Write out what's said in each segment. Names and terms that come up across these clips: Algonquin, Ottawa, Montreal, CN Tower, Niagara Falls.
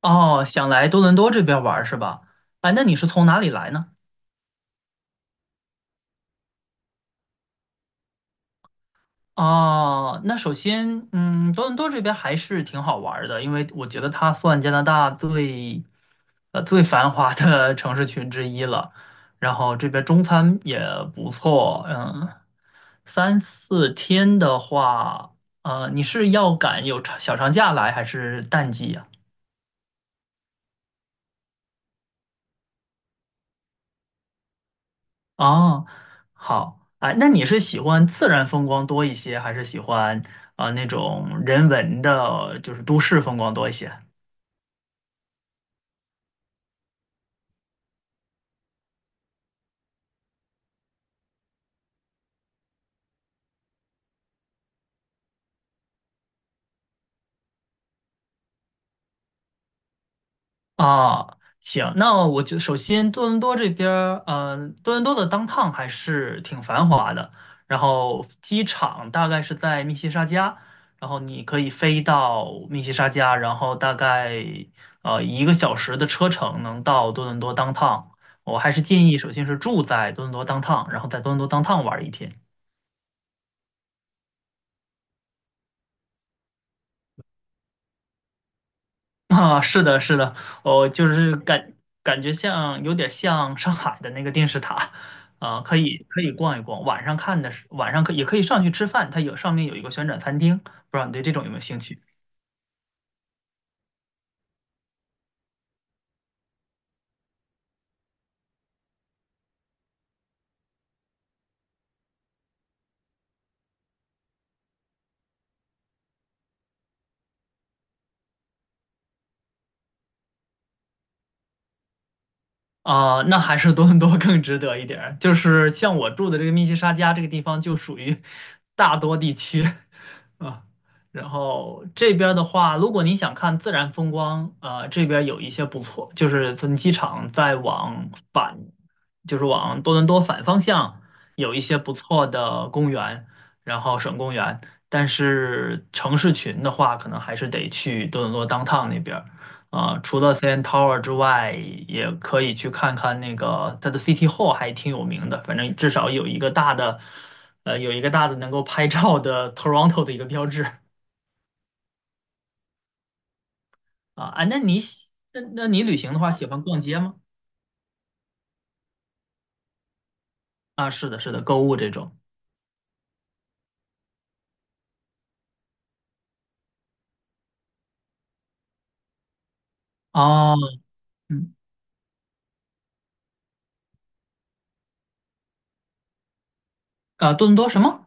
哦，想来多伦多这边玩儿是吧？哎，那你是从哪里来呢？哦，那首先，嗯，多伦多这边还是挺好玩儿的，因为我觉得它算加拿大最，最繁华的 城市群之一了。然后这边中餐也不错，嗯，三四天的话，你是要赶有长小长假来还是淡季呀？哦，好，哎，那你是喜欢自然风光多一些，还是喜欢啊、那种人文的，就是都市风光多一些？啊，行，那我就首先多伦多这边儿嗯、多伦多的 downtown 还是挺繁华的，然后机场大概是在密西沙加，然后你可以飞到密西沙加，然后大概1 个小时的车程能到多伦多 downtown。我还是建议，首先是住在多伦多 downtown，然后在多伦多 downtown 玩儿一天。啊，是的，是的，我就是感觉像有点像上海的那个电视塔，啊、可以逛一逛，晚上看的是晚上可也可以上去吃饭，它有上面有一个旋转餐厅，不知道你对这种有没有兴趣？啊、那还是多伦多更值得一点儿，就是像我住的这个密西沙加这个地方，就属于大多地区。啊，然后这边的话，如果你想看自然风光，啊、这边有一些不错，就是从机场再往反，就是往多伦多反方向，有一些不错的公园，然后省公园。但是城市群的话，可能还是得去多伦多 downtown 那边儿啊、除了 CN Tower 之外，也可以去看看那个它的 City Hall，还挺有名的。反正至少有一个大的有一个大的能够拍照的 Toronto 的一个标志啊啊。那你旅行的话，喜欢逛街吗？啊，是的，是的，购物这种。哦，嗯，啊，多伦多什么？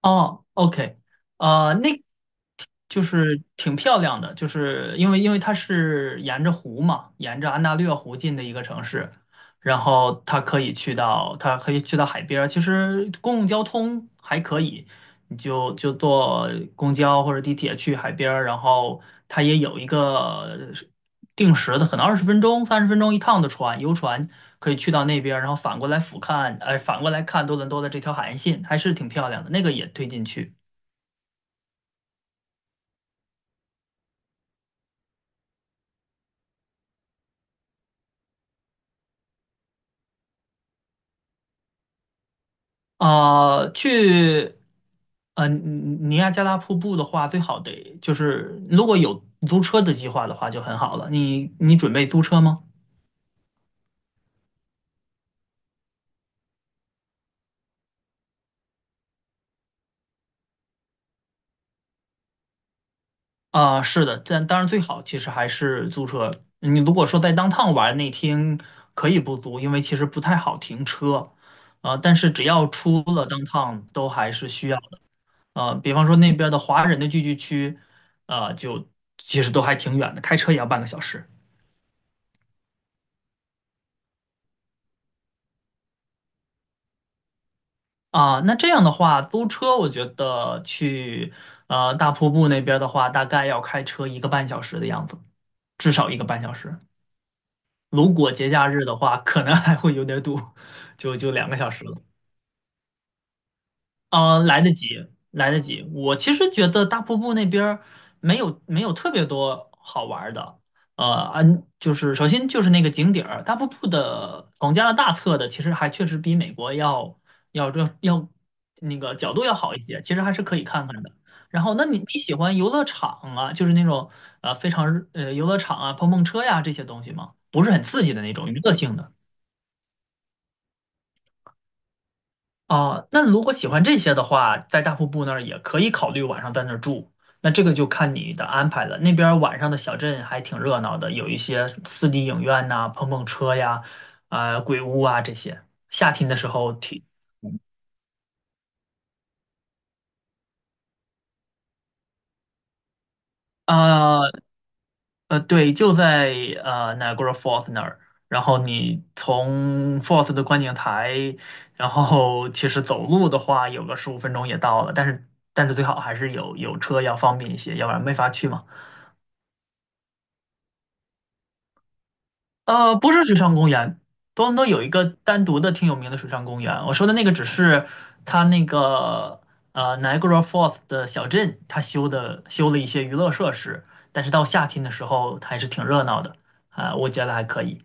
哦，OK，那就是挺漂亮的，就是因为它是沿着湖嘛，沿着安大略湖进的一个城市，然后它可以去到它可以去到海边儿，其实公共交通还可以，你就坐公交或者地铁去海边儿，然后它也有一个。定时的，可能20 分钟、30 分钟一趟的船，游船可以去到那边儿然后反过来俯瞰，反过来看多伦多的这条海岸线，还是挺漂亮的。那个也推荐去。啊、去，尼亚加拉瀑布的话，最好得就是如果有租车的计划的话就很好了。你准备租车吗？啊，是的，但当然最好其实还是租车。你如果说在 downtown 玩那天可以不租，因为其实不太好停车。啊、但是只要出了 downtown 都还是需要的。啊，比方说那边的华人的聚居区，就其实都还挺远的，开车也要半个小时。啊、那这样的话，租车我觉得去大瀑布那边的话，大概要开车一个半小时的样子，至少一个半小时。如果节假日的话，可能还会有点堵，就2 个小时了。嗯、来得及，来得及。我其实觉得大瀑布那边儿没有特别多好玩儿的。就是首先就是那个景点儿，大瀑布的从加拿大测的，其实还确实比美国要那个角度要好一些，其实还是可以看看的。然后，那你喜欢游乐场啊，就是那种非常游乐场啊、碰碰车呀这些东西吗？不是很刺激的那种娱乐性的。啊，那如果喜欢这些的话，在大瀑布那儿也可以考虑晚上在那儿住。那这个就看你的安排了。那边儿晚上的小镇还挺热闹的，有一些 4D 影院呐、碰碰车呀、啊、鬼屋啊这些。夏天的时候挺啊对，就在Niagara Falls 那儿。然后你从 Falls 的观景台，然后其实走路的话，有个15 分钟也到了。但是最好还是有车要方便一些，要不然没法去嘛。不是水上公园，多伦多有一个单独的挺有名的水上公园。我说的那个只是它那个Niagara Falls 的小镇，它修了一些娱乐设施，但是到夏天的时候它还是挺热闹的啊、我觉得还可以，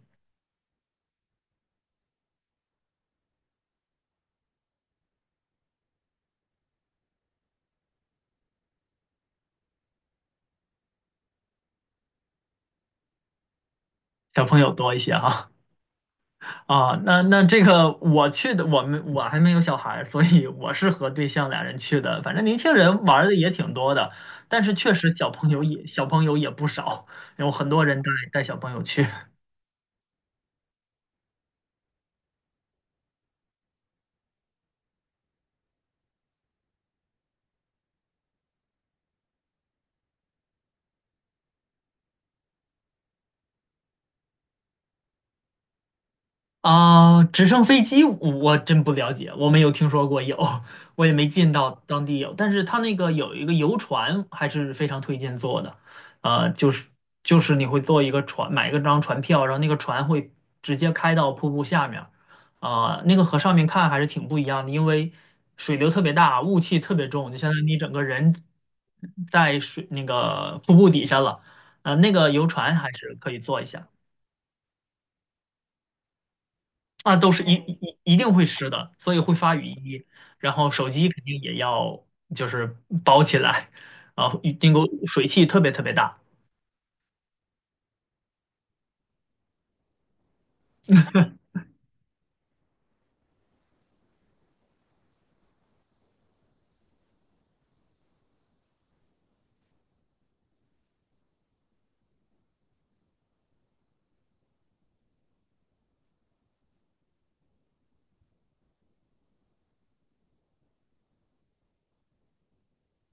小朋友多一些哈啊、那那这个我去的，我们我还没有小孩儿所以我是和对象俩人去的。反正年轻人玩儿的也挺多的，但是确实小朋友也不少，有很多人带小朋友去。啊，直升飞机我真不了解，我没有听说过有，我也没见到当地有。但是它那个有一个游船，还是非常推荐坐的。呃，就是你会坐一个船，买一个张船票，然后那个船会直接开到瀑布下面儿啊、那个和上面看还是挺不一样的，因为水流特别大，雾气特别重，就相当于你整个人在水那个瀑布底下了。那个游船还是可以坐一下。啊，都是一嗯一一定会湿的，所以会发雨衣。然后手机肯定也要就是包起来，啊，因为水汽特别特别大。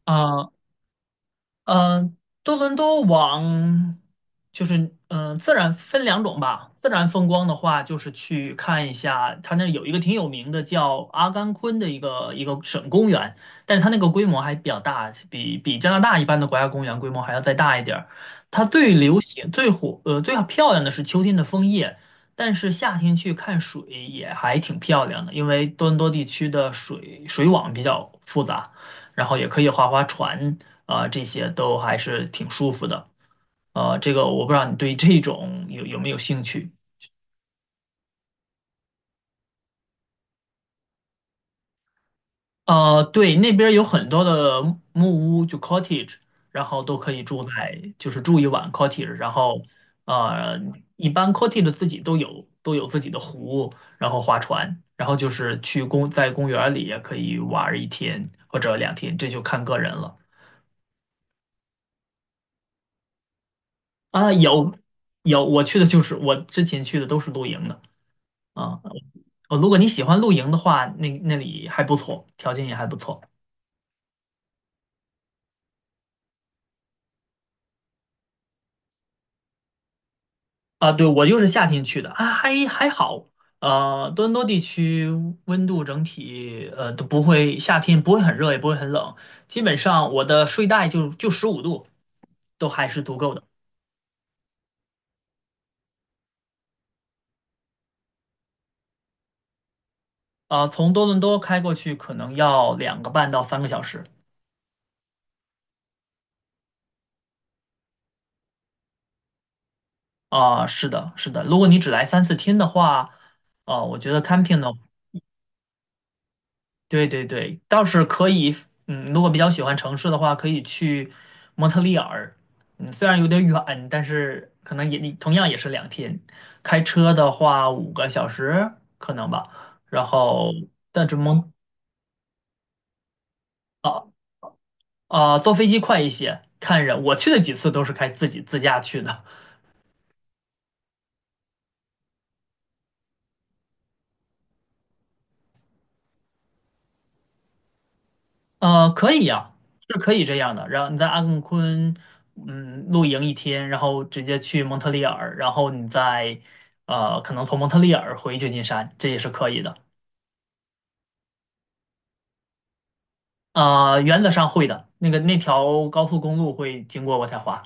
啊、嗯，多伦多往就是嗯，自然分两种吧。自然风光的话，就是去看一下，它那儿有一个挺有名的叫阿甘昆的一个省公园，但是它那个规模还比较大，比加拿大一般的国家公园规模还要再大一点儿。它最流行、最火、最漂亮的是秋天的枫叶，但是夏天去看水也还挺漂亮的，因为多伦多地区的水网比较复杂。然后也可以划划船啊，这些都还是挺舒服的。这个我不知道你对这种有没有兴趣？对，那边儿有很多的木屋，就 cottage，然后都可以住在，就是住一晚 cottage，然后呃，一般 cottage 自己都有自己的湖，然后划船，然后就是在公园儿里也可以玩儿一天或者两天，这就看个人了。啊，有，我去的就是我之前去的都是露营的。啊，哦，如果你喜欢露营的话，那那里还不错，条件也还不错啊。对，我就是夏天去的啊，还好。多伦多地区温度整体都不会，夏天不会很热，也不会很冷，基本上我的睡袋就15 度都还是足够的。啊、从多伦多开过去可能要2 个半到 3 个小时。啊、是的，是的。如果你只来三四天的话，我觉得 camping 呢。对对对，倒是可以，嗯，如果比较喜欢城市的话，可以去蒙特利尔，嗯，虽然有点远，但是可能也同样也是两天，开车的话5 个小时可能吧，然后但是蒙啊啊、坐飞机快一些，看人，我去的几次都是开自己自驾去的，可以呀、是可以这样的。然后你在阿根昆，嗯，露营一天，然后直接去蒙特利尔，然后你再，可能从蒙特利尔回旧金山，这也是可以的。原则上会的。那个那条高速公路会经过渥太华。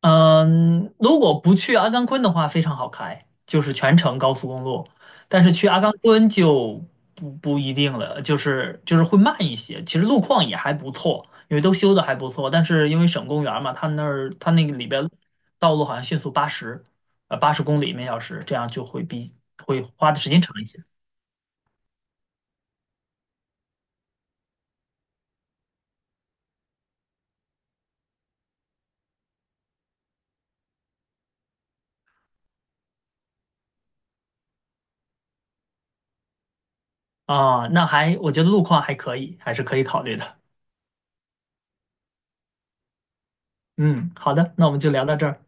嗯，如果不去阿甘昆的话，非常好开，就是全程高速公路。但是去阿甘昆就不一定了，就是会慢一些。其实路况也还不错，因为都修的还不错。但是因为省公园儿嘛，它那儿它那个里边道路好像限速八十，80 公里每小时，这样就会花的时间长一些啊。我觉得路况还可以，还是可以考虑的。嗯，好的，那我们就聊到这儿。